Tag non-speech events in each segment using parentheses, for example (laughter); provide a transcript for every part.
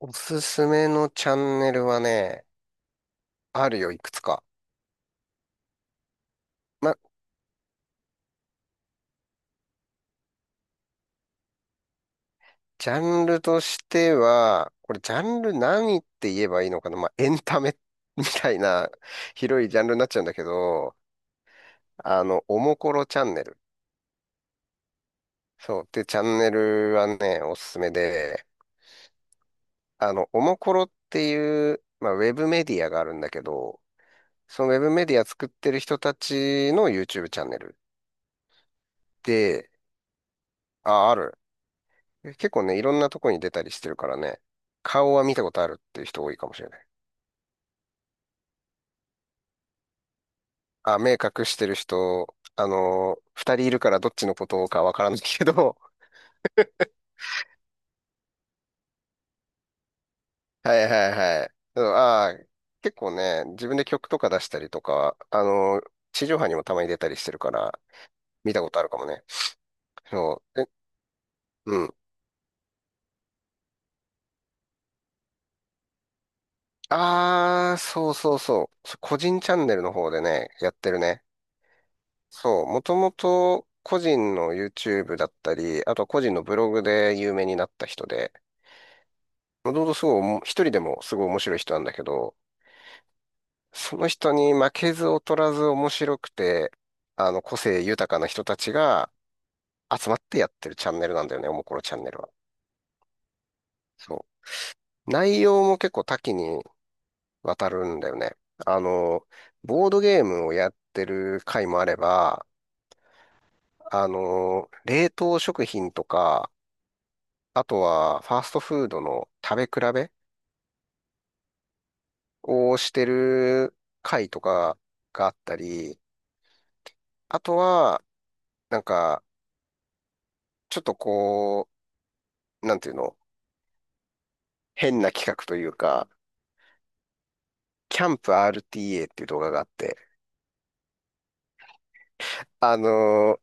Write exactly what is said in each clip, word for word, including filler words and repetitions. おすすめのチャンネルはね、あるよ、いくつか。ま、ジャンルとしては、これジャンル何って言えばいいのかなまあ、エンタメ (laughs) みたいな広いジャンルになっちゃうんだけど、あの、おもころチャンネル。そう。で、チャンネルはね、おすすめで、あの、おもころっていう、まあ、ウェブメディアがあるんだけど、そのウェブメディア作ってる人たちの YouTube チャンネル。で、あ、ある。結構ね、いろんなとこに出たりしてるからね、顔は見たことあるっていう人多いかもしれない。あ、目隠してる人、あのー二人いるからどっちのことかわからないけど、(laughs) はいはいはい。そうんあー、結構ね、自分で曲とか出したりとか、あのー地上波にもたまに出たりしてるから、見たことあるかもね。そう、え、うん。あー、そうそうそう。そ個人チャンネルの方でね、やってるね。そう、もともと個人の YouTube だったり、あとは個人のブログで有名になった人で、もともとすごいおも、一人でもすごい面白い人なんだけど、その人に負けず劣らず面白くて、あの、個性豊かな人たちが集まってやってるチャンネルなんだよね、おもころチャンネルは。そう。内容も結構多岐にわたるんだよね。あの、ボードゲームをやってる回もあれば、あの、冷凍食品とか、あとは、ファーストフードの食べ比べをしてる会とかがあったり、あとは、なんか、ちょっとこう、なんていうの、変な企画というか、キャンプ アールティーエー っていう動画があって、あのー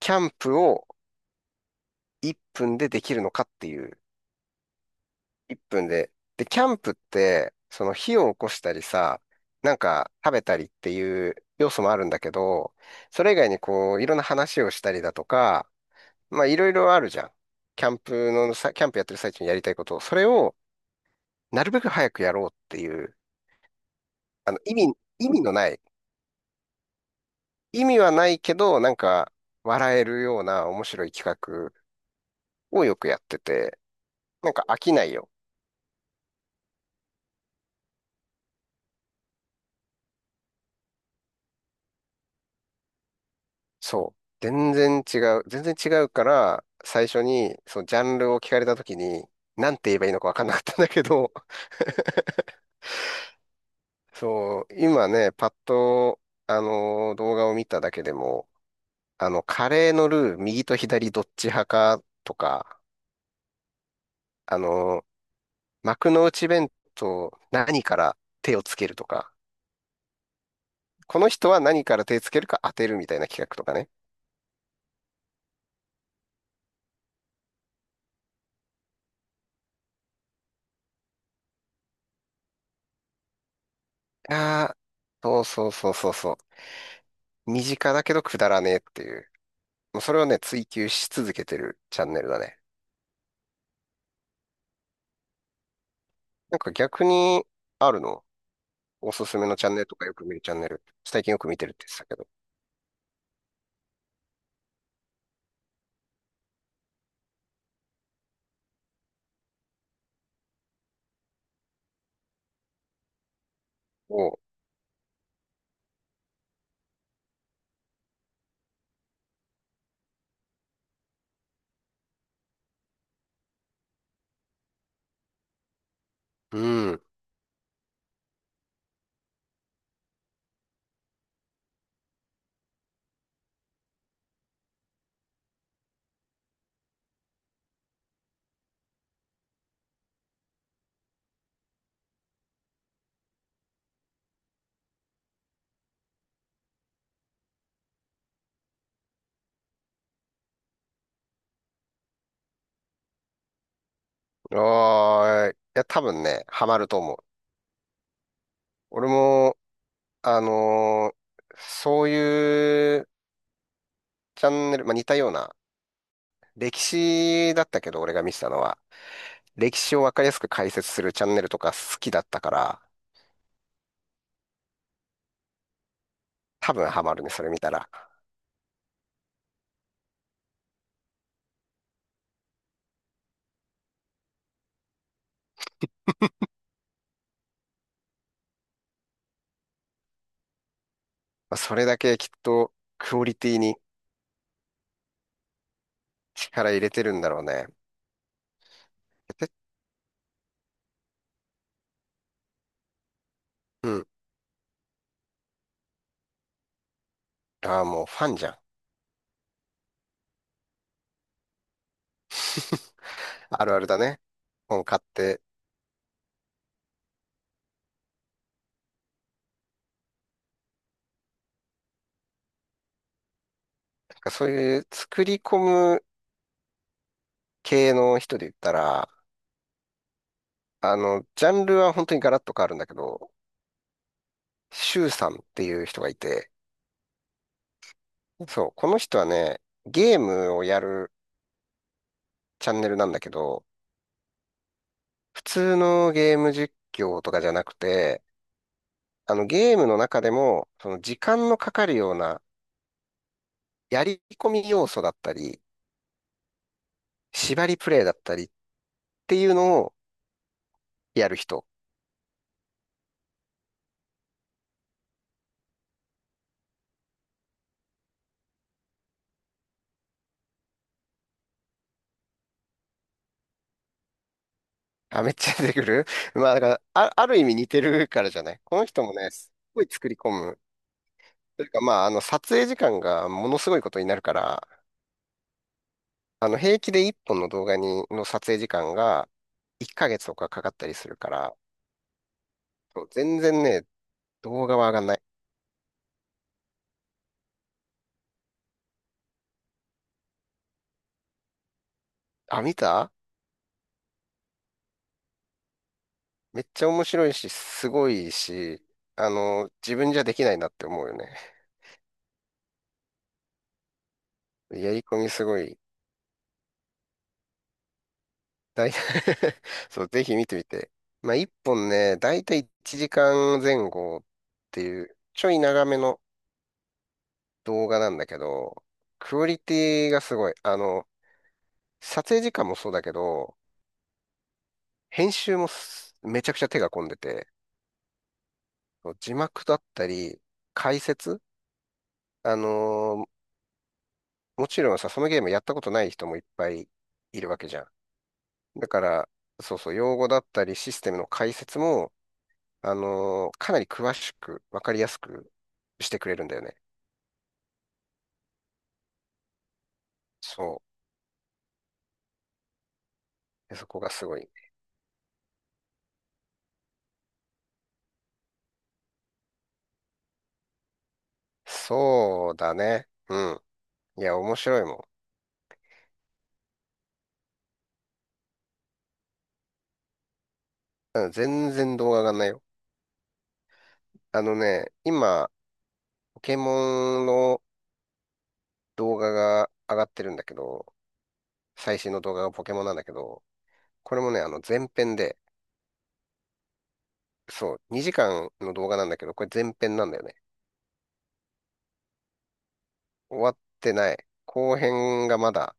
キャンプをいっぷんでできるのかっていう、いっぷんで。で、キャンプって、その火を起こしたりさ、なんか食べたりっていう要素もあるんだけど、それ以外にこう、いろんな話をしたりだとか、まあいろいろあるじゃん。キャンプのさ、キャンプやってる最中にやりたいことを、それをなるべく早くやろうっていう、あの意味、意味のない、意味はないけど、なんか笑えるような面白い企画をよくやってて、なんか飽きないよ。そう。全然違う。全然違うから、最初にそのジャンルを聞かれた時に、なんて言えばいいのかわかんなかったんだけど、(laughs) そう、今ね、パッと、あの動画を見ただけでも、あの、カレーのルー、右と左どっち派かとか、あの、幕の内弁当、何から手をつけるとか、この人は何から手つけるか当てるみたいな企画とかね。ああ、そうそうそうそうそう。身近だけどくだらねえっていう。もうそれをね、追求し続けてるチャンネルだね。なんか逆に、あるのおすすめのチャンネルとかよく見るチャンネル。最近よく見てるって言ってたけど。おう。うん。ああ、いや、多分ね、ハマると思う。俺も、あのーそういうチャンネル、まあ、似たような、歴史だったけど、俺が見てたのは、歴史をわかりやすく解説するチャンネルとか好きだったから、多分ハマるね、それ見たら。まあ、それだけきっとクオリティに力入れてるんだろうね。ペペうん。ああ、もうファンじゃん。(laughs) あるあるだね。本買って。なんかそういう作り込む系の人で言ったら、あの、ジャンルは本当にガラッと変わるんだけど、シュウさんっていう人がいて、そう、この人はね、ゲームをやるチャンネルなんだけど、普通のゲーム実況とかじゃなくて、あのゲームの中でも、その時間のかかるようなやり込み要素だったり、縛りプレイだったりっていうのをやる人。あ、めっちゃ出てくる (laughs) まあ、だから、あ、ある意味似てるからじゃないこの人もね、すっごい作り込む。というか、まあ、あの、撮影時間がものすごいことになるから、あの、平気でいっぽんの動画に、の撮影時間がいっかげつとかかかったりするから、そう全然ね、動画は上がんない。あ、見ためっちゃ面白いし、すごいし、あの、自分じゃできないなって思うよね。やり込みすごい。だい (laughs) そう、ぜひ見てみて。まあ、一本ね、だいたいいちじかんまえ後っていう、ちょい長めの動画なんだけど、クオリティがすごい。あの、撮影時間もそうだけど、編集もすめちゃくちゃ手が込んでて、そう字幕だったり、解説あのーもちろんさ、そのゲームやったことない人もいっぱいいるわけじゃん。だから、そうそう、用語だったりシステムの解説も、あのーかなり詳しく、わかりやすくしてくれるんだよね。そう。でそこがすごい。そうだね。うん。いや、面白いもん。うん全然動画上がんないよ。あのね、今、ポケモンの動画が上がってるんだけど、最新の動画がポケモンなんだけど、これもね、あの前編で、そう、にじかんの動画なんだけど、これ前編なんだよね。終わってない。後編がまだ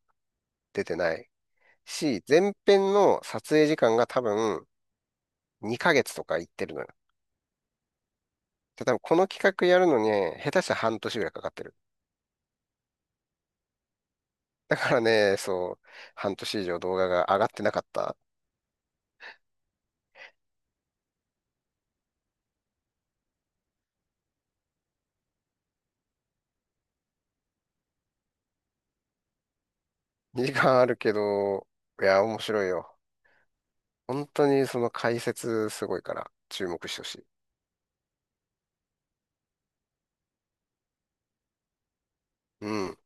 出てない。し、前編の撮影時間が多分にかげつとかいってるのよ。で多分この企画やるのに下手したら半年ぐらいかかってる。だからね、そう、半年以上動画が上がってなかった。にじかんあるけど、いや、面白いよ。本当にその解説すごいから注目してほしい。うん。